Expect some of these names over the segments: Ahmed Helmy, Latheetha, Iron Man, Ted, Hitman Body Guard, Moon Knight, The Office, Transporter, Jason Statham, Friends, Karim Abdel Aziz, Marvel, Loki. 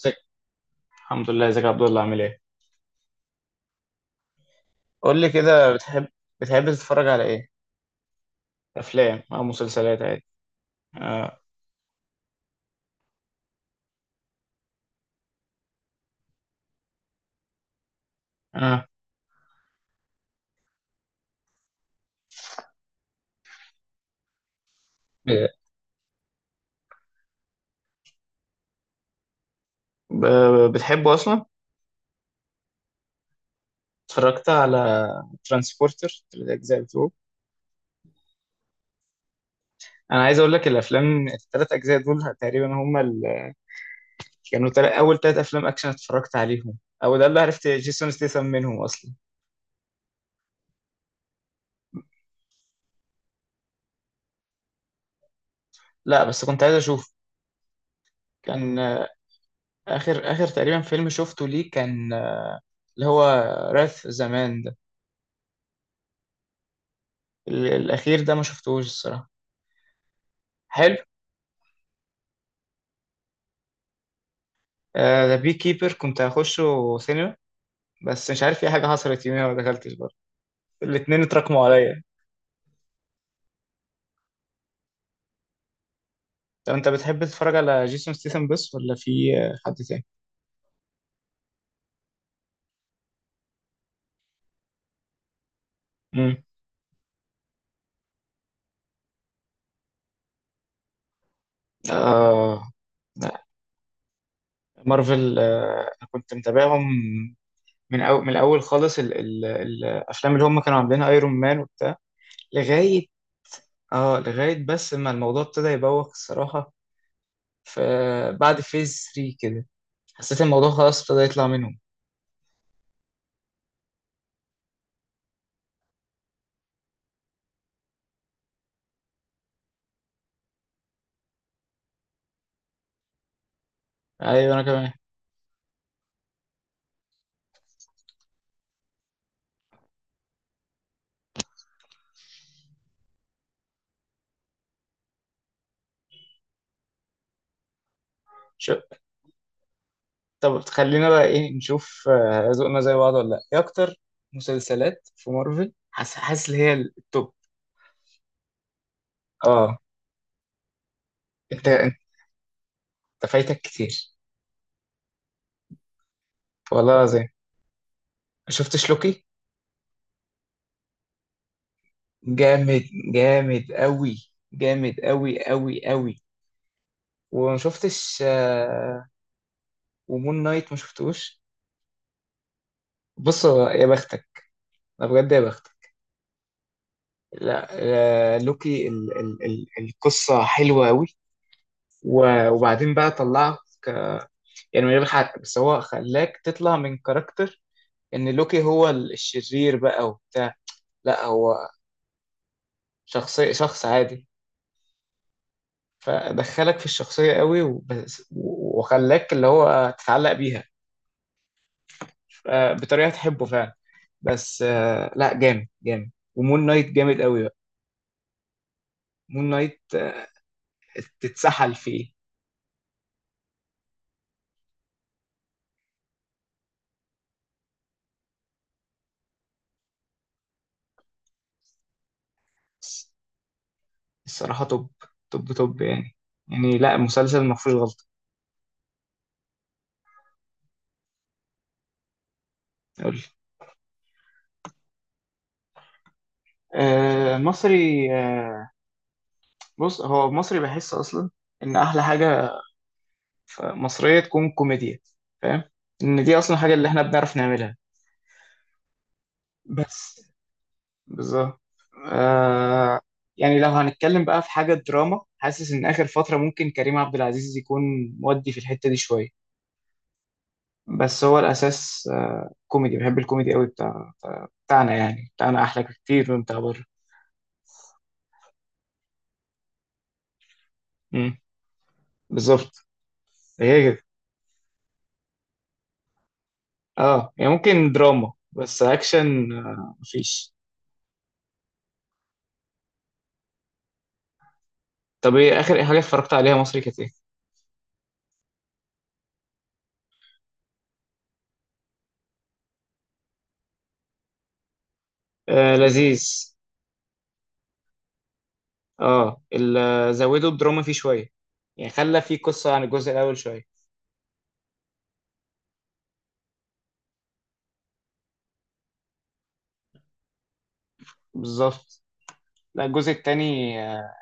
ازيك. الحمد لله، ازيك يا عبد الله؟ عامل ايه؟ قول لي كده بتحب، بتحب تتفرج على ايه؟ افلام او مسلسلات عادي. آه. آه. ب- بتحبه اصلا؟ اتفرجت على ترانسبورتر، الاجزاء بتوعه؟ انا عايز اقول لك الافلام الثلاث اجزاء دول تقريبا هم كانوا اول ثلاث افلام اكشن اتفرجت عليهم، او ده اللي عرفت جيسون ستيثم منهم اصلا. لا بس كنت عايز اشوف. كان اخر اخر تقريبا فيلم شفته ليه كان اللي هو راث زمان ده. الاخير ده ما شفتهوش الصراحه. حلو. ذا بي كيبر كنت هخشه سينما، بس مش عارف في حاجة حصلت يوميها ما دخلتش برضه. الاتنين اتراكموا عليا. طب انت بتحب تتفرج على جيسون ستيثم بس، ولا في حد تاني؟ امم. آه لا، مارفل كنت متابعهم من أو من الأول خالص، ال الأفلام اللي هم كانوا عاملينها، ايرون مان وبتاع، لغاية بس ما الموضوع ابتدى يبوخ الصراحة. فبعد فيز 3 كده حسيت الموضوع خلاص ابتدى يطلع منهم. ايوه انا كمان. طب خلينا بقى ايه، نشوف ذوقنا زي بعض ولا لا، ايه اكتر مسلسلات في مارفل؟ حاسس اللي هي التوب. اه، انت فايتك كتير. والله العظيم ما شفتش لوكي؟ جامد. جامد قوي. جامد قوي قوي قوي. وما شفتش ومون نايت ما شفتوش؟ بص يا بختك، انا بجد يا بختك. لا لوكي ال القصة حلوة قوي، وبعدين بقى طلعه، يعني من غير حق بس هو خلاك تطلع من كاركتر ان لوكي هو الشرير بقى وبتاع. لا هو شخصية شخص عادي. فدخلك في الشخصية قوي وبس، وخلاك اللي هو تتعلق بيها. ف- بطريقة تحبه فعلا. بس لا جامد جامد، ومون نايت جامد قوي بقى. مون نايت تتسحل فيه. الص- الصراحة توب، توب توب يعني. يعني لا، المسلسل ما فيهوش غلطة. قول لي. آه، مصري بص هو مصري بحس اصلا ان احلى حاجه في مصريه تكون كوميديا، فاهم؟ ان دي اصلا حاجه اللي احنا بنعرف نعملها. بس بالظبط، آه. يعني لو هنتكلم بقى في حاجه دراما، حاسس ان اخر فتره ممكن كريم عبد العزيز يكون مودي في الحته دي شويه. بس هو الاساس آه، كوميدي، بحب الكوميدي قوي بتاع. بتاعنا يعني بتاعنا احلى كتير من بتاع بره. مم، بالظبط، هي كده. اه يعني ممكن دراما، بس اكشن مفيش. طب ايه اخر حاجه اتفرجت عليها مصري كانت إيه؟ آه لذيذ. اه، زودوا الدراما فيه شوية، يعني خلى فيه قصة عن الجزء الأول شوية. بالظبط. لا الجزء التاني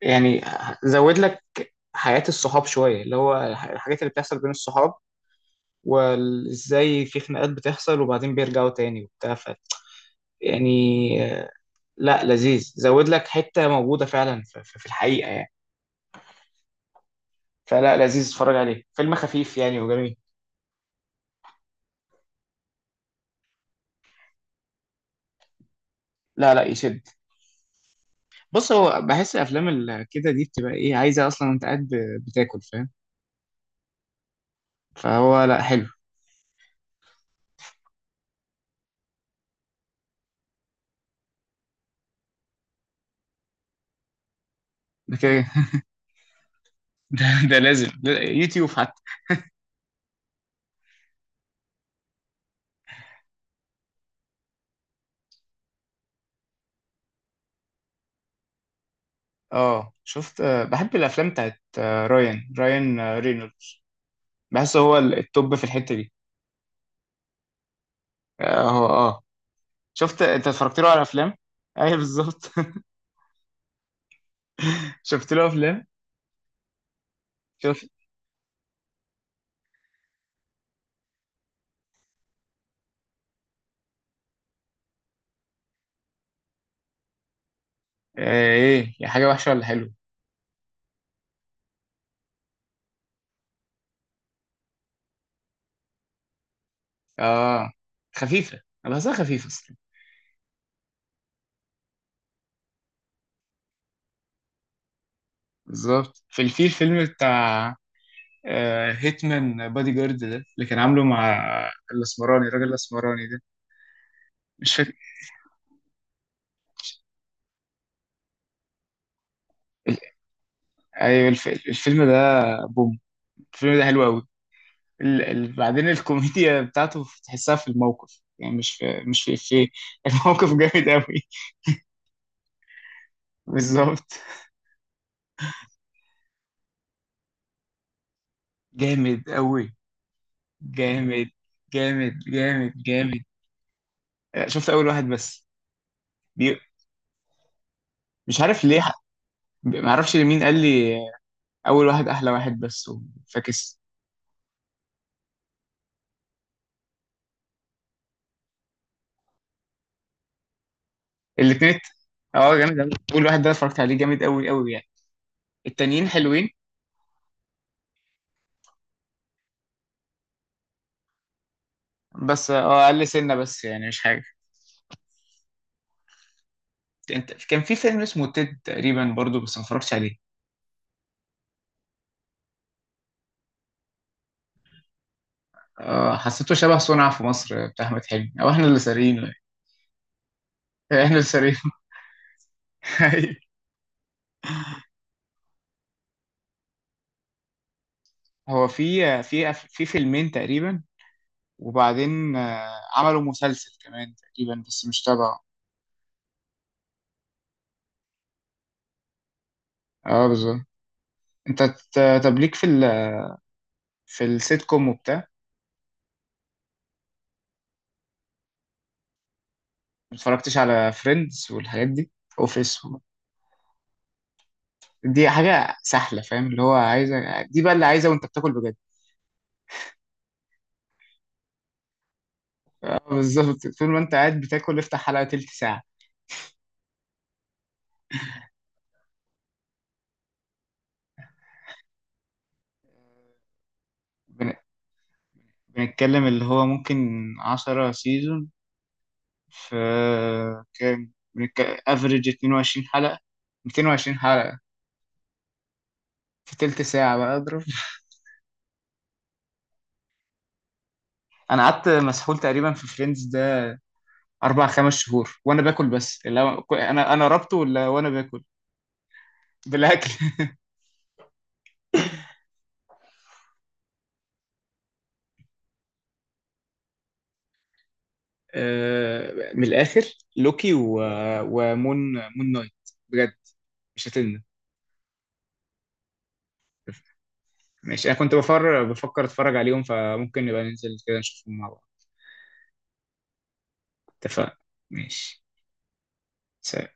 يعني زود لك حياة الصحاب شوية، اللي هو الحاجات اللي بتحصل بين الصحاب، وازاي في خناقات بتحصل وبعدين بيرجعوا تاني وبتاع يعني، آه، لا لذيذ، زود لك حتة موجودة فعلا في الحقيقة يعني. فلا لذيذ، اتفرج عليه، فيلم خفيف يعني وجميل. لا لا يشد. بص هو بحس الافلام اللي كده دي بتبقى ايه، عايزه اصلا انت قاعد بتاكل، فاهم. فهو لا حلو. ده كده ده, ده لازم، ده يوتيوب حتى. اه شفت بحب الافلام بتاعت رايان رينولدز. بحس هو التوب في الحته دي. اه هو اه. شفت انت اتفرجت له على افلام؟ ايوه بالظبط. شفت له افلام؟ شفت. ايه يا حاجه وحشه ولا حلوه؟ اه خفيفه، انا بحسها خفيفه اصلا. بالظبط. في فيلم بتاع هيتمان بادي جارد ده اللي كان عامله مع الاسمراني، الراجل الاسمراني ده. مش فاكر. ال- ايوه الفيلم ده. بوم. الفيلم ده حلو قوي. بعدين الكوميديا بتاعته تحسها في الموقف، يعني مش في الموقف جامد قوي بالظبط. جامد قوي. جامد جامد جامد. جامد شفت اول واحد بس. بي... مش عارف ليه ما اعرفش لمين قال لي اول واحد احلى واحد بس. فاكس. الاثنين. اه جامد أوي. اول واحد ده اتفرجت عليه جامد قوي قوي يعني. التانيين حلوين، بس اه اقل سنه بس، يعني مش حاجه. انت كان في فيلم اسمه تيد تقريبا برضو بس ما اتفرجتش عليه. اه حسيته شبه صنع في مصر بتاع احمد حلمي، او احنا اللي سارقينه يعني. احنا اللي سارقينه هو في فيلمين تقريبا، وبعدين عملوا مسلسل كمان تقريبا بس مش تبعه. اه بالظبط. انت طب ليك في السيت كوم وبتاع. ما اتفرجتش على فريندز والحاجات دي، اوفيس. دي حاجة سهلة فاهم، اللي هو عايزة دي بقى اللي عايزة وانت بتاكل بجد. بالظبط، طول ما انت قاعد بتاكل افتح حلقة تلت ساعة. بن... بنتكلم اللي هو ممكن 10 سيزون، في كام افريج 22 حلقة، 220 حلقة في تلت ساعة، بقى اضرب. انا قعدت مسحول تقريبا في فريندز ده 4 5 شهور وانا باكل، بس انا ربطه ولا وانا باكل. بالاكل. من الاخر، لوكي و... ومون نايت، بجد مش هتلنا. ماشي. انا كنت بفكر اتفرج عليهم، فممكن نبقى ننزل كده نشوفهم مع بعض. اتفقنا. ماشي. سلام.